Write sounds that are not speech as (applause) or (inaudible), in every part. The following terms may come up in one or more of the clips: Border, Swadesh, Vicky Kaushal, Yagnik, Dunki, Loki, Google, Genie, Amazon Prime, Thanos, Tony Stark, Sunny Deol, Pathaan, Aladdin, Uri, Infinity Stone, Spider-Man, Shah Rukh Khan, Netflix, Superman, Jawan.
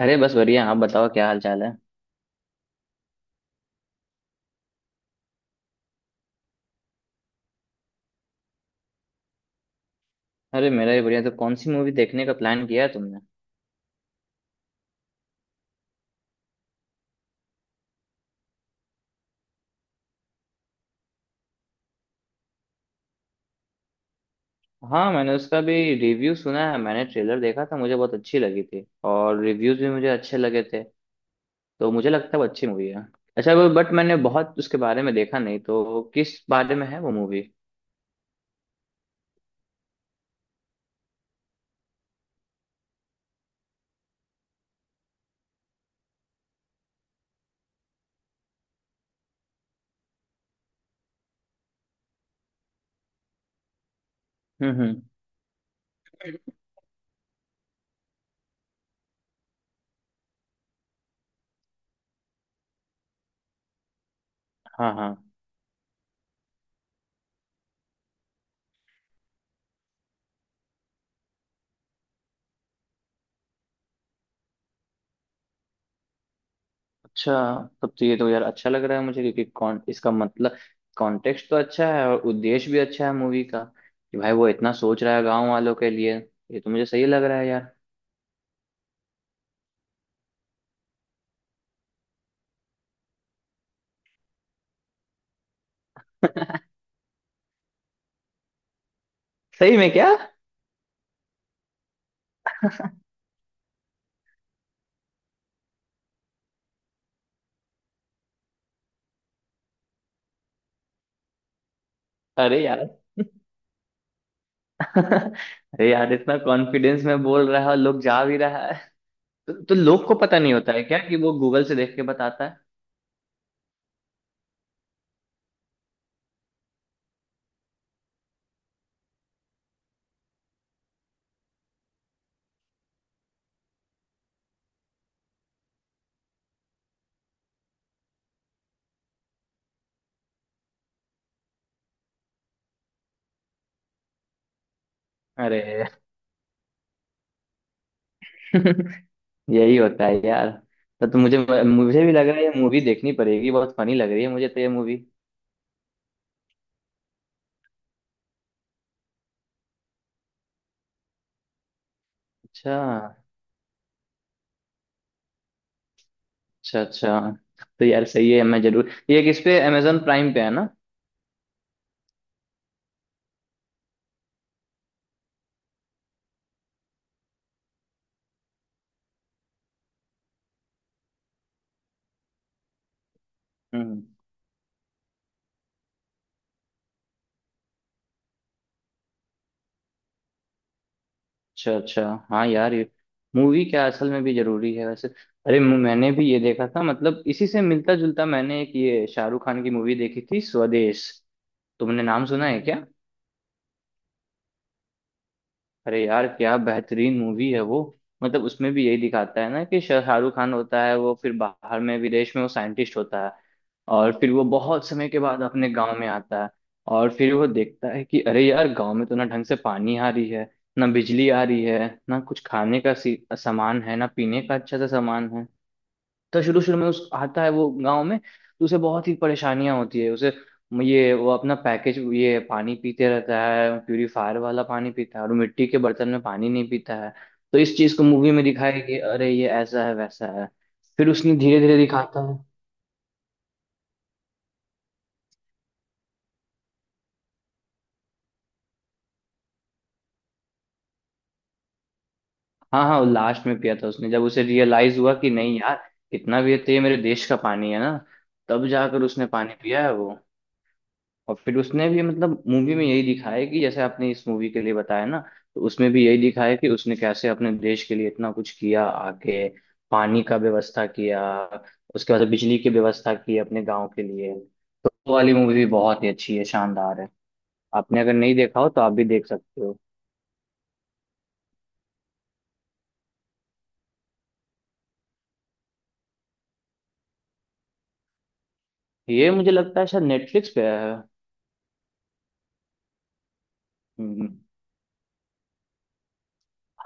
अरे बस बढ़िया। आप बताओ क्या हाल चाल है। अरे मेरा भी बढ़िया। तो कौन सी मूवी देखने का प्लान किया है तुमने। हाँ मैंने उसका भी रिव्यू सुना है। मैंने ट्रेलर देखा था, मुझे बहुत अच्छी लगी थी, और रिव्यूज भी मुझे अच्छे लगे थे। तो मुझे लगता है वो अच्छी मूवी है। अच्छा वो बट मैंने बहुत उसके बारे में देखा नहीं, तो किस बारे में है वो मूवी। हम्म हम्म हाँ हाँ। अच्छा, तब तो ये तो यार अच्छा लग रहा है मुझे, क्योंकि कौन इसका मतलब कॉन्टेक्स्ट तो अच्छा है और उद्देश्य भी अच्छा है मूवी का। कि भाई वो इतना सोच रहा है गांव वालों के लिए, ये तो मुझे सही लग रहा है यार। (laughs) सही में क्या। अरे यार। (laughs) अरे यार इतना कॉन्फिडेंस में बोल रहा है और लोग जा भी रहा है। तो लोग को पता नहीं होता है क्या कि वो गूगल से देख के बताता है। अरे (laughs) यही होता है यार। तो मुझे मुझे भी लग रहा है ये मूवी देखनी पड़ेगी, बहुत फनी लग रही है मुझे तो ये मूवी। अच्छा अच्छा। अच्छा तो यार सही है, मैं जरूर ये किस पे अमेजोन प्राइम पे है ना। हम्म अच्छा अच्छा। हाँ यार ये मूवी क्या असल में भी जरूरी है वैसे। अरे मैंने भी ये देखा था, मतलब इसी से मिलता जुलता, मैंने एक ये शाहरुख खान की मूवी देखी थी स्वदेश। तुमने नाम सुना है क्या। अरे यार क्या बेहतरीन मूवी है वो। मतलब उसमें भी यही दिखाता है ना कि शाहरुख खान होता है वो, फिर बाहर में विदेश में वो साइंटिस्ट होता है, और फिर वो बहुत समय के बाद अपने गांव में आता है। और फिर वो देखता है कि अरे यार गांव में तो ना ढंग से पानी आ रही है, ना बिजली आ रही है, ना कुछ खाने का सामान है, ना पीने का अच्छा सा सामान है। तो शुरू शुरू में उस आता है वो गांव में, तो उसे बहुत ही परेशानियां होती है उसे। ये वो अपना पैकेज ये पानी पीते रहता है, प्यूरीफायर वाला पानी पीता है, और मिट्टी के बर्तन में पानी नहीं पीता है। तो इस चीज को मूवी में दिखाया है कि अरे ये ऐसा है वैसा है। फिर उसने धीरे धीरे दिखाता है। हाँ हाँ, लास्ट में पिया था उसने, जब उसे रियलाइज हुआ कि नहीं यार कितना भी है तो ये मेरे देश का पानी है ना। तब जाकर उसने पानी पिया है वो। और फिर उसने भी मतलब मूवी में यही दिखाया है कि जैसे आपने इस मूवी के लिए बताया ना, तो उसमें भी यही दिखाया है कि उसने कैसे अपने देश के लिए इतना कुछ किया आके। पानी का व्यवस्था किया, उसके बाद बिजली की व्यवस्था की अपने गांव के लिए। वो वाली मूवी भी बहुत ही अच्छी है, शानदार है। आपने अगर नहीं देखा हो तो आप भी देख सकते हो। ये मुझे लगता है शायद नेटफ्लिक्स पे है। हम्म,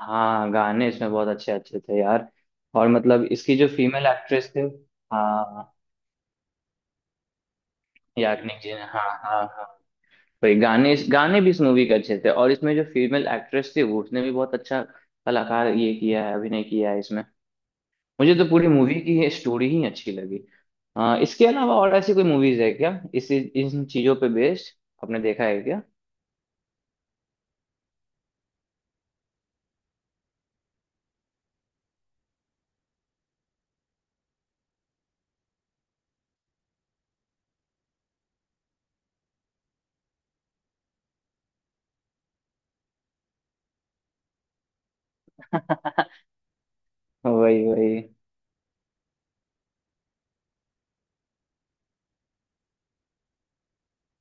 हाँ गाने इसमें बहुत अच्छे अच्छे थे यार। और मतलब इसकी जो फीमेल एक्ट्रेस थी, हाँ याग्निक जी ने। हाँ हाँ हाँ। भाई गाने गाने भी इस मूवी के अच्छे थे, और इसमें जो फीमेल एक्ट्रेस थी वो उसने भी बहुत अच्छा कलाकार ये किया है, अभिनय किया है इसमें। मुझे तो पूरी मूवी की ये स्टोरी ही अच्छी लगी। इसके अलावा और ऐसी कोई मूवीज है क्या इसी इन चीजों पे बेस्ड, आपने देखा है क्या। (laughs) वही वही।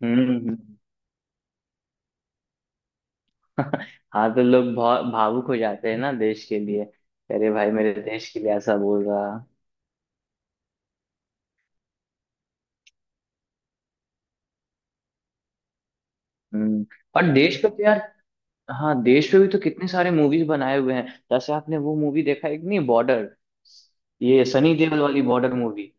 हम्म हम्म। (laughs) हाँ तो लोग भावुक हो जाते हैं ना देश के लिए। अरे भाई मेरे देश के लिए ऐसा बोल रहा। हम्म और देश का प्यार। हाँ देश पे भी तो कितने सारे मूवीज बनाए हुए हैं। जैसे आपने वो मूवी देखा एक नहीं बॉर्डर, ये सनी देओल वाली बॉर्डर मूवी।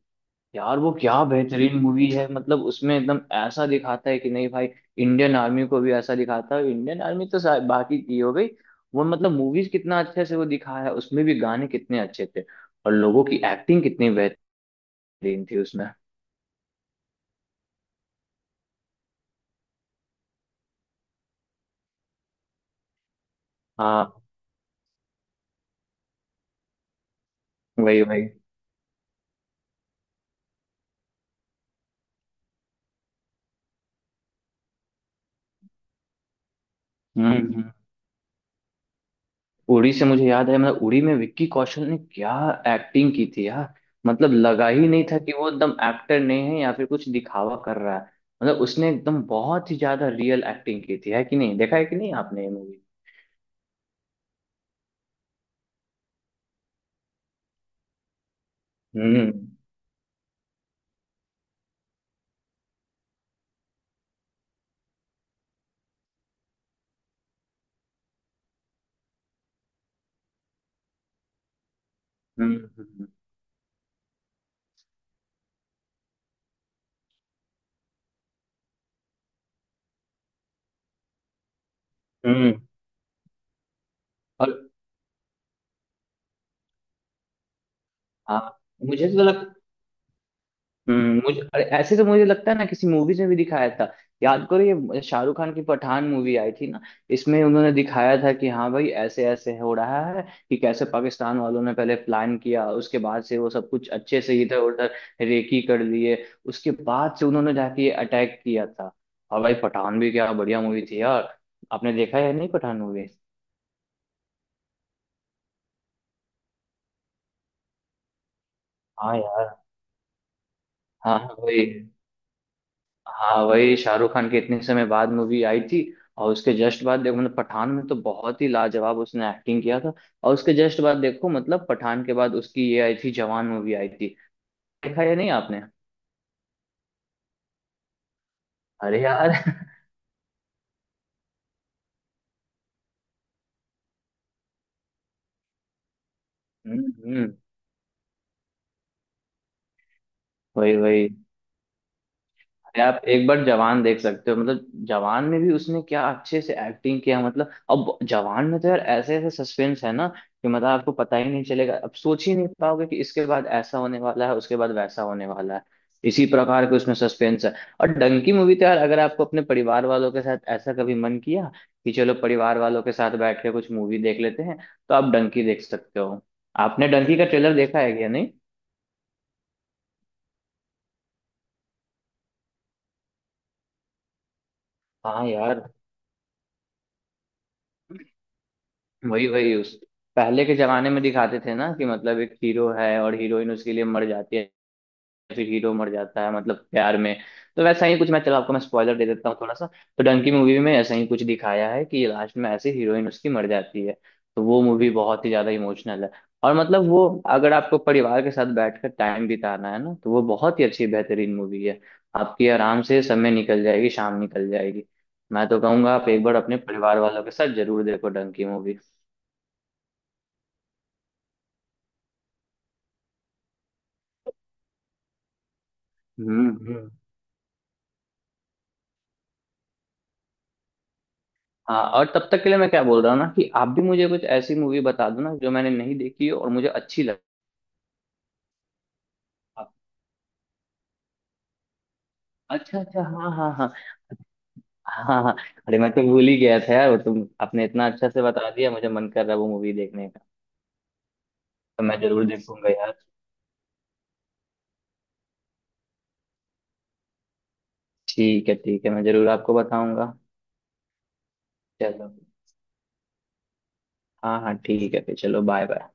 यार वो क्या बेहतरीन मूवी है, मतलब उसमें एकदम ऐसा दिखाता है कि नहीं भाई इंडियन आर्मी को भी ऐसा दिखाता है। इंडियन आर्मी तो बाकी की हो गई। वो मतलब मूवीज कितना अच्छे से वो दिखाया है, उसमें भी गाने कितने अच्छे थे और लोगों की एक्टिंग कितनी बेहतरीन थी उसमें। हाँ वही वही। हम्म हम्म। उड़ी से मुझे याद है, मतलब उड़ी में विक्की कौशल ने क्या एक्टिंग की थी यार। मतलब लगा ही नहीं था कि वो एकदम एक्टर नहीं है या फिर कुछ दिखावा कर रहा है। मतलब उसने एकदम बहुत ही ज्यादा रियल एक्टिंग की थी, है कि नहीं, देखा है कि नहीं आपने ये मूवी। हम्म हम्म हम्म हम्म। हम्म, हम्म। और हाँ मुझे तो लग। मुझे अरे ऐसे तो मुझे लगता है ना किसी मूवीज में भी दिखाया था। याद करो ये शाहरुख खान की पठान मूवी आई थी ना, इसमें उन्होंने दिखाया था कि हाँ भाई ऐसे ऐसे हो रहा है कि कैसे पाकिस्तान वालों ने पहले प्लान किया, उसके बाद से वो सब कुछ अच्छे से इधर उधर रेकी कर लिए, उसके बाद से उन्होंने जाके ये अटैक किया था। और भाई पठान भी क्या बढ़िया मूवी थी यार। आपने देखा है या नहीं पठान मूवी। हाँ यार। हाँ हाँ, वही। हाँ वही शाहरुख खान की इतने समय बाद मूवी आई थी, और उसके जस्ट बाद देखो मतलब पठान में तो बहुत ही लाजवाब उसने एक्टिंग किया था। और उसके जस्ट बाद देखो मतलब पठान के बाद उसकी ये आई थी जवान, मूवी आई थी। देखा या नहीं आपने। अरे यार (laughs) हम्म हम्म, वही वही। आप एक बार जवान देख सकते हो, मतलब जवान में भी उसने क्या अच्छे से एक्टिंग किया, मतलब अब जवान में तो यार ऐसे ऐसे सस्पेंस है ना कि मतलब आपको पता ही नहीं चलेगा, अब सोच ही नहीं पाओगे कि इसके बाद ऐसा होने वाला है उसके बाद वैसा होने वाला है। इसी प्रकार के उसमें सस्पेंस है। और डंकी मूवी तो यार अगर आपको अपने परिवार वालों के साथ ऐसा कभी मन किया कि चलो परिवार वालों के साथ बैठ के कुछ मूवी देख लेते हैं, तो आप डंकी देख सकते हो। आपने डंकी का ट्रेलर देखा है क्या नहीं। हाँ यार। वही वही उस पहले के जमाने में दिखाते थे ना कि मतलब एक हीरो है और हीरोइन उसके लिए मर जाती है, फिर हीरो मर जाता है मतलब प्यार में। तो वैसा ही कुछ मैं चलो आपको मैं स्पॉइलर दे देता हूँ थोड़ा सा, तो डंकी मूवी में ऐसा ही कुछ दिखाया है कि लास्ट में ऐसे हीरोइन उसकी मर जाती है। तो वो मूवी बहुत ही ज्यादा इमोशनल है, और मतलब वो अगर आपको परिवार के साथ बैठकर टाइम बिताना है ना तो वो बहुत ही अच्छी बेहतरीन मूवी है। आपकी आराम से समय निकल जाएगी, शाम निकल जाएगी। मैं तो कहूंगा आप एक बार अपने परिवार वालों के साथ जरूर देखो डंकी मूवी। हम्म हम्म। हाँ और तब तक के लिए मैं क्या बोल रहा हूँ ना कि आप भी मुझे कुछ ऐसी मूवी बता दो ना जो मैंने नहीं देखी हो और मुझे अच्छी लगे। आप- अच्छा अच्छा। हाँ हाँ हाँ। हाँ हाँ। अरे मैं तो भूल ही गया था यार, वो तुम आपने इतना अच्छा से बता दिया, मुझे मन कर रहा है वो मूवी देखने का। तो मैं जरूर देखूंगा यार। ठीक है ठीक है, मैं जरूर आपको बताऊंगा। चलो। हाँ हाँ ठीक है, फिर चलो बाय बाय।